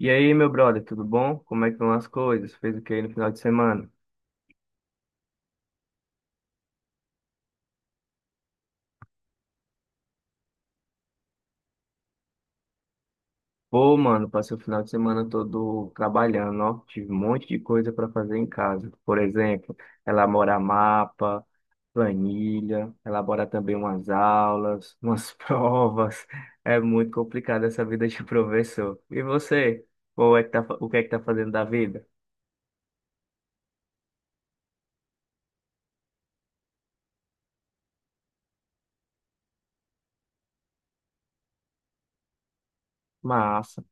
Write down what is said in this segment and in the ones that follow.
E aí, meu brother, tudo bom? Como é que vão as coisas? Fez o que aí no final de semana? Pô, mano, passei o final de semana todo trabalhando, ó. Tive um monte de coisa para fazer em casa. Por exemplo, elaborar mapa, planilha, elaborar também umas aulas, umas provas. É muito complicado essa vida de professor. E você? Qual é que tá, o que é que tá fazendo da vida? Massa.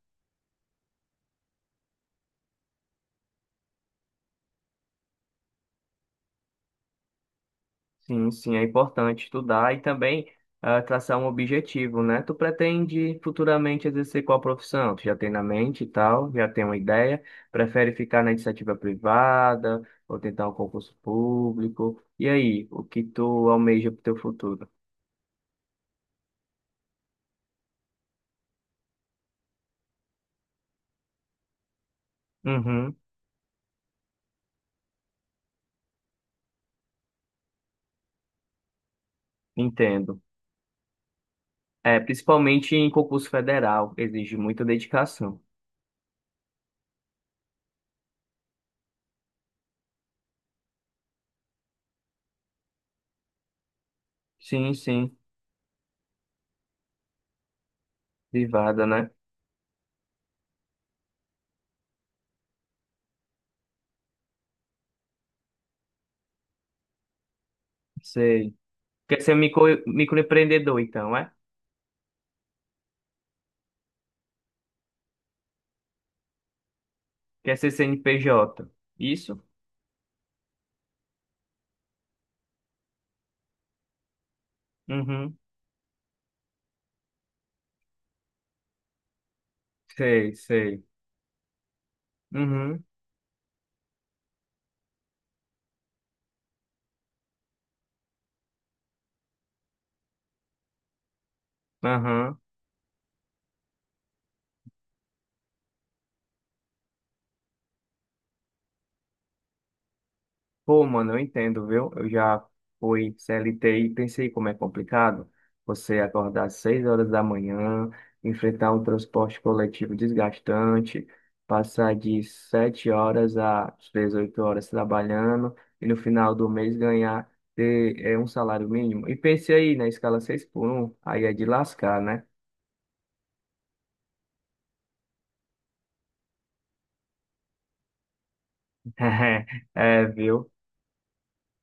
Sim, sim, é importante estudar e também traçar um objetivo, né? Tu pretende futuramente exercer qual profissão? Tu já tem na mente e tal, já tem uma ideia? Prefere ficar na iniciativa privada ou tentar um concurso público? E aí, o que tu almeja para o teu futuro? Uhum, entendo. É, principalmente em concurso federal, exige muita dedicação. Sim, sim, privada, né? Sei. Quer ser microempreendedor, então, é? Quer ser CNPJ? Isso? Uhum. Sei, sei. Uhum. Aham. Pô, mano, eu entendo, viu? Eu já fui CLT e pensei como é complicado você acordar às 6 horas da manhã, enfrentar um transporte coletivo desgastante, passar de 7 horas às 18 horas trabalhando e no final do mês ganhar ter, um salário mínimo. E pensei aí na escala 6 por 1, aí é de lascar, né? É, viu?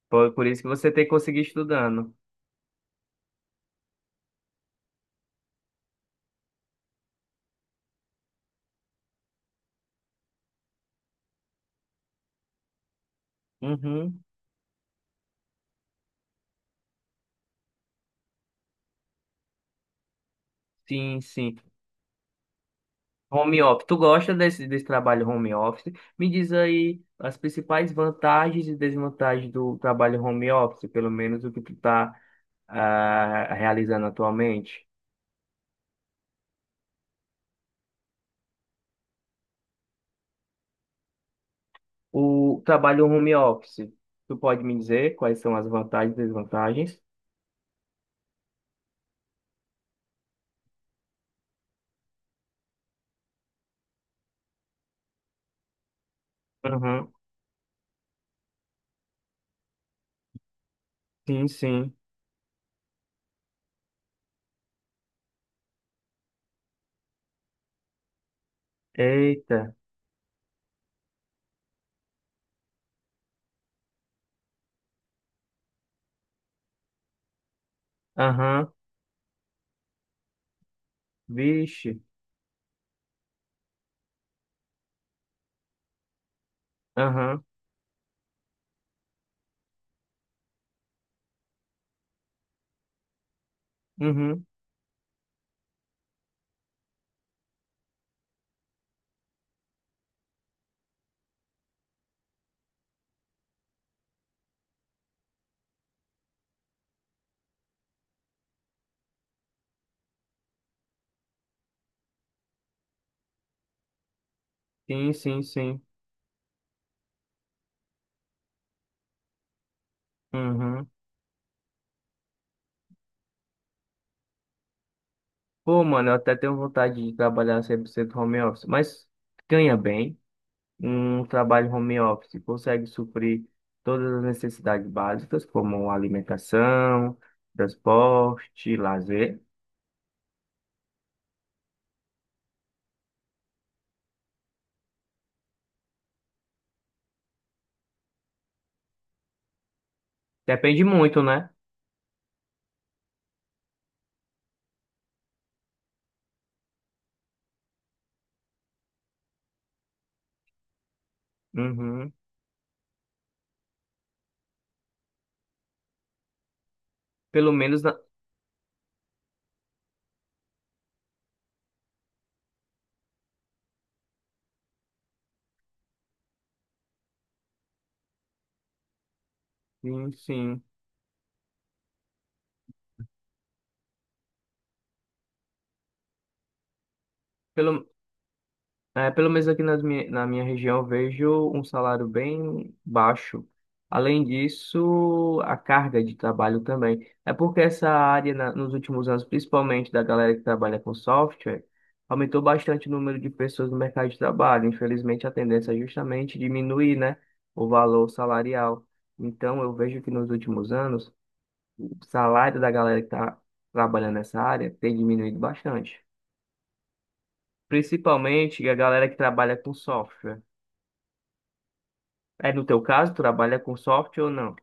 Por isso que você tem que conseguir estudando. Uhum. Sim, sim. Home office. Tu gosta desse trabalho home office? Me diz aí as principais vantagens e desvantagens do trabalho home office, pelo menos o que tu está realizando atualmente. O trabalho home office, tu pode me dizer quais são as vantagens e desvantagens? Uhum. Sim, sim. Eita. Aham. Vixe. Aham. Uhum. Sim, sim, sim. Uhum. Pô, mano, eu até tenho vontade de trabalhar 100% home office, mas ganha bem. Um trabalho home office consegue suprir todas as necessidades básicas, como alimentação, transporte, lazer. Depende muito, né? Uhum. Pelo menos na. Sim, sim. Pelo. É, pelo menos aqui nas na minha região eu vejo um salário bem baixo. Além disso, a carga de trabalho também. É porque essa área, nos últimos anos, principalmente da galera que trabalha com software, aumentou bastante o número de pessoas no mercado de trabalho. Infelizmente, a tendência é justamente diminuir, né, o valor salarial. Então, eu vejo que nos últimos anos, o salário da galera que está trabalhando nessa área tem diminuído bastante. Principalmente a galera que trabalha com software. É, no teu caso, tu trabalha com software ou não?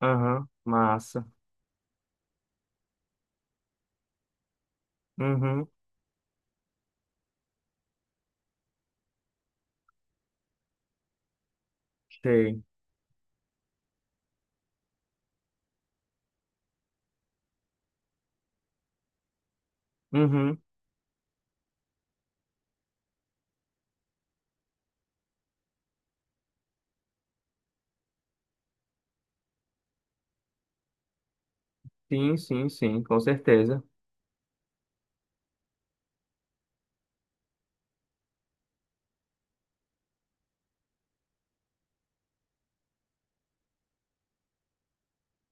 Aham, massa. Uhum, sei. Uhum, sim, sim, sim, com certeza.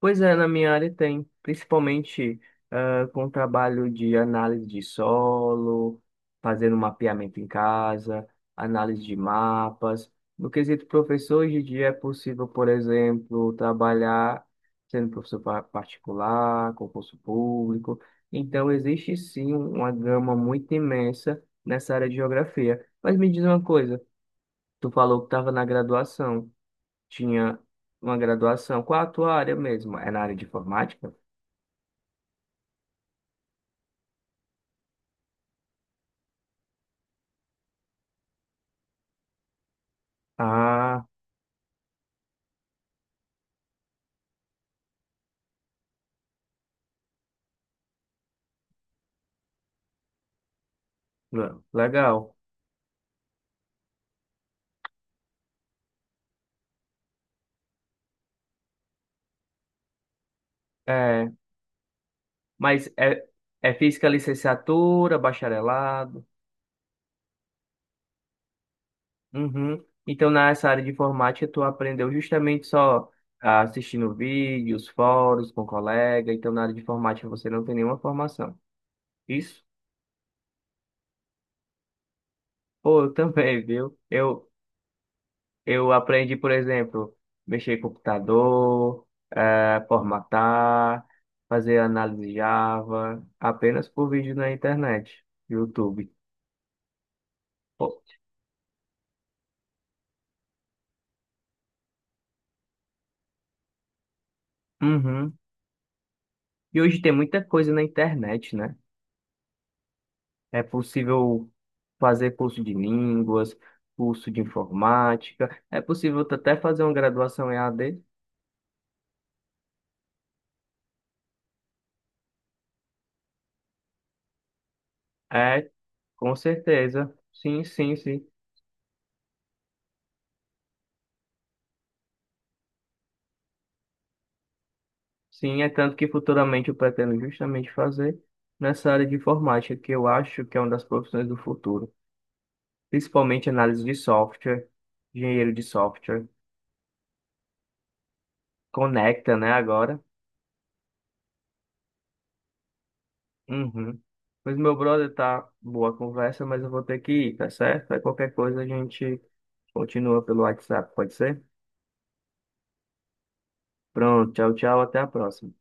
Pois é, na minha área tem, principalmente com o trabalho de análise de solo, fazendo mapeamento em casa, análise de mapas. No quesito professor, hoje em dia é possível, por exemplo, trabalhar sendo professor particular, concurso público. Então, existe sim uma gama muito imensa nessa área de geografia. Mas me diz uma coisa, tu falou que estava na graduação. Tinha uma graduação. Qual a tua área mesmo? É na área de informática? Ah, legal. É, mas é física licenciatura, bacharelado. Uhum. Então, nessa área de informática, tu aprendeu justamente só assistindo vídeos, fóruns com colega. Então, na área de informática, você não tem nenhuma formação. Isso? Pô, eu também, viu? Eu aprendi, por exemplo, mexer em computador, formatar, fazer análise Java, apenas por vídeo na internet, YouTube. Pô, uhum. E hoje tem muita coisa na internet, né? É possível fazer curso de línguas, curso de informática, é possível até fazer uma graduação em AD? É, com certeza. Sim, sim, sim. Sim, é tanto que futuramente eu pretendo justamente fazer nessa área de informática, que eu acho que é uma das profissões do futuro. Principalmente análise de software, engenheiro de software. Conecta, né, agora. Uhum. Mas meu brother, tá boa a conversa, mas eu vou ter que ir, tá certo? Aí qualquer coisa a gente continua pelo WhatsApp, pode ser? Pronto, tchau, tchau, até a próxima.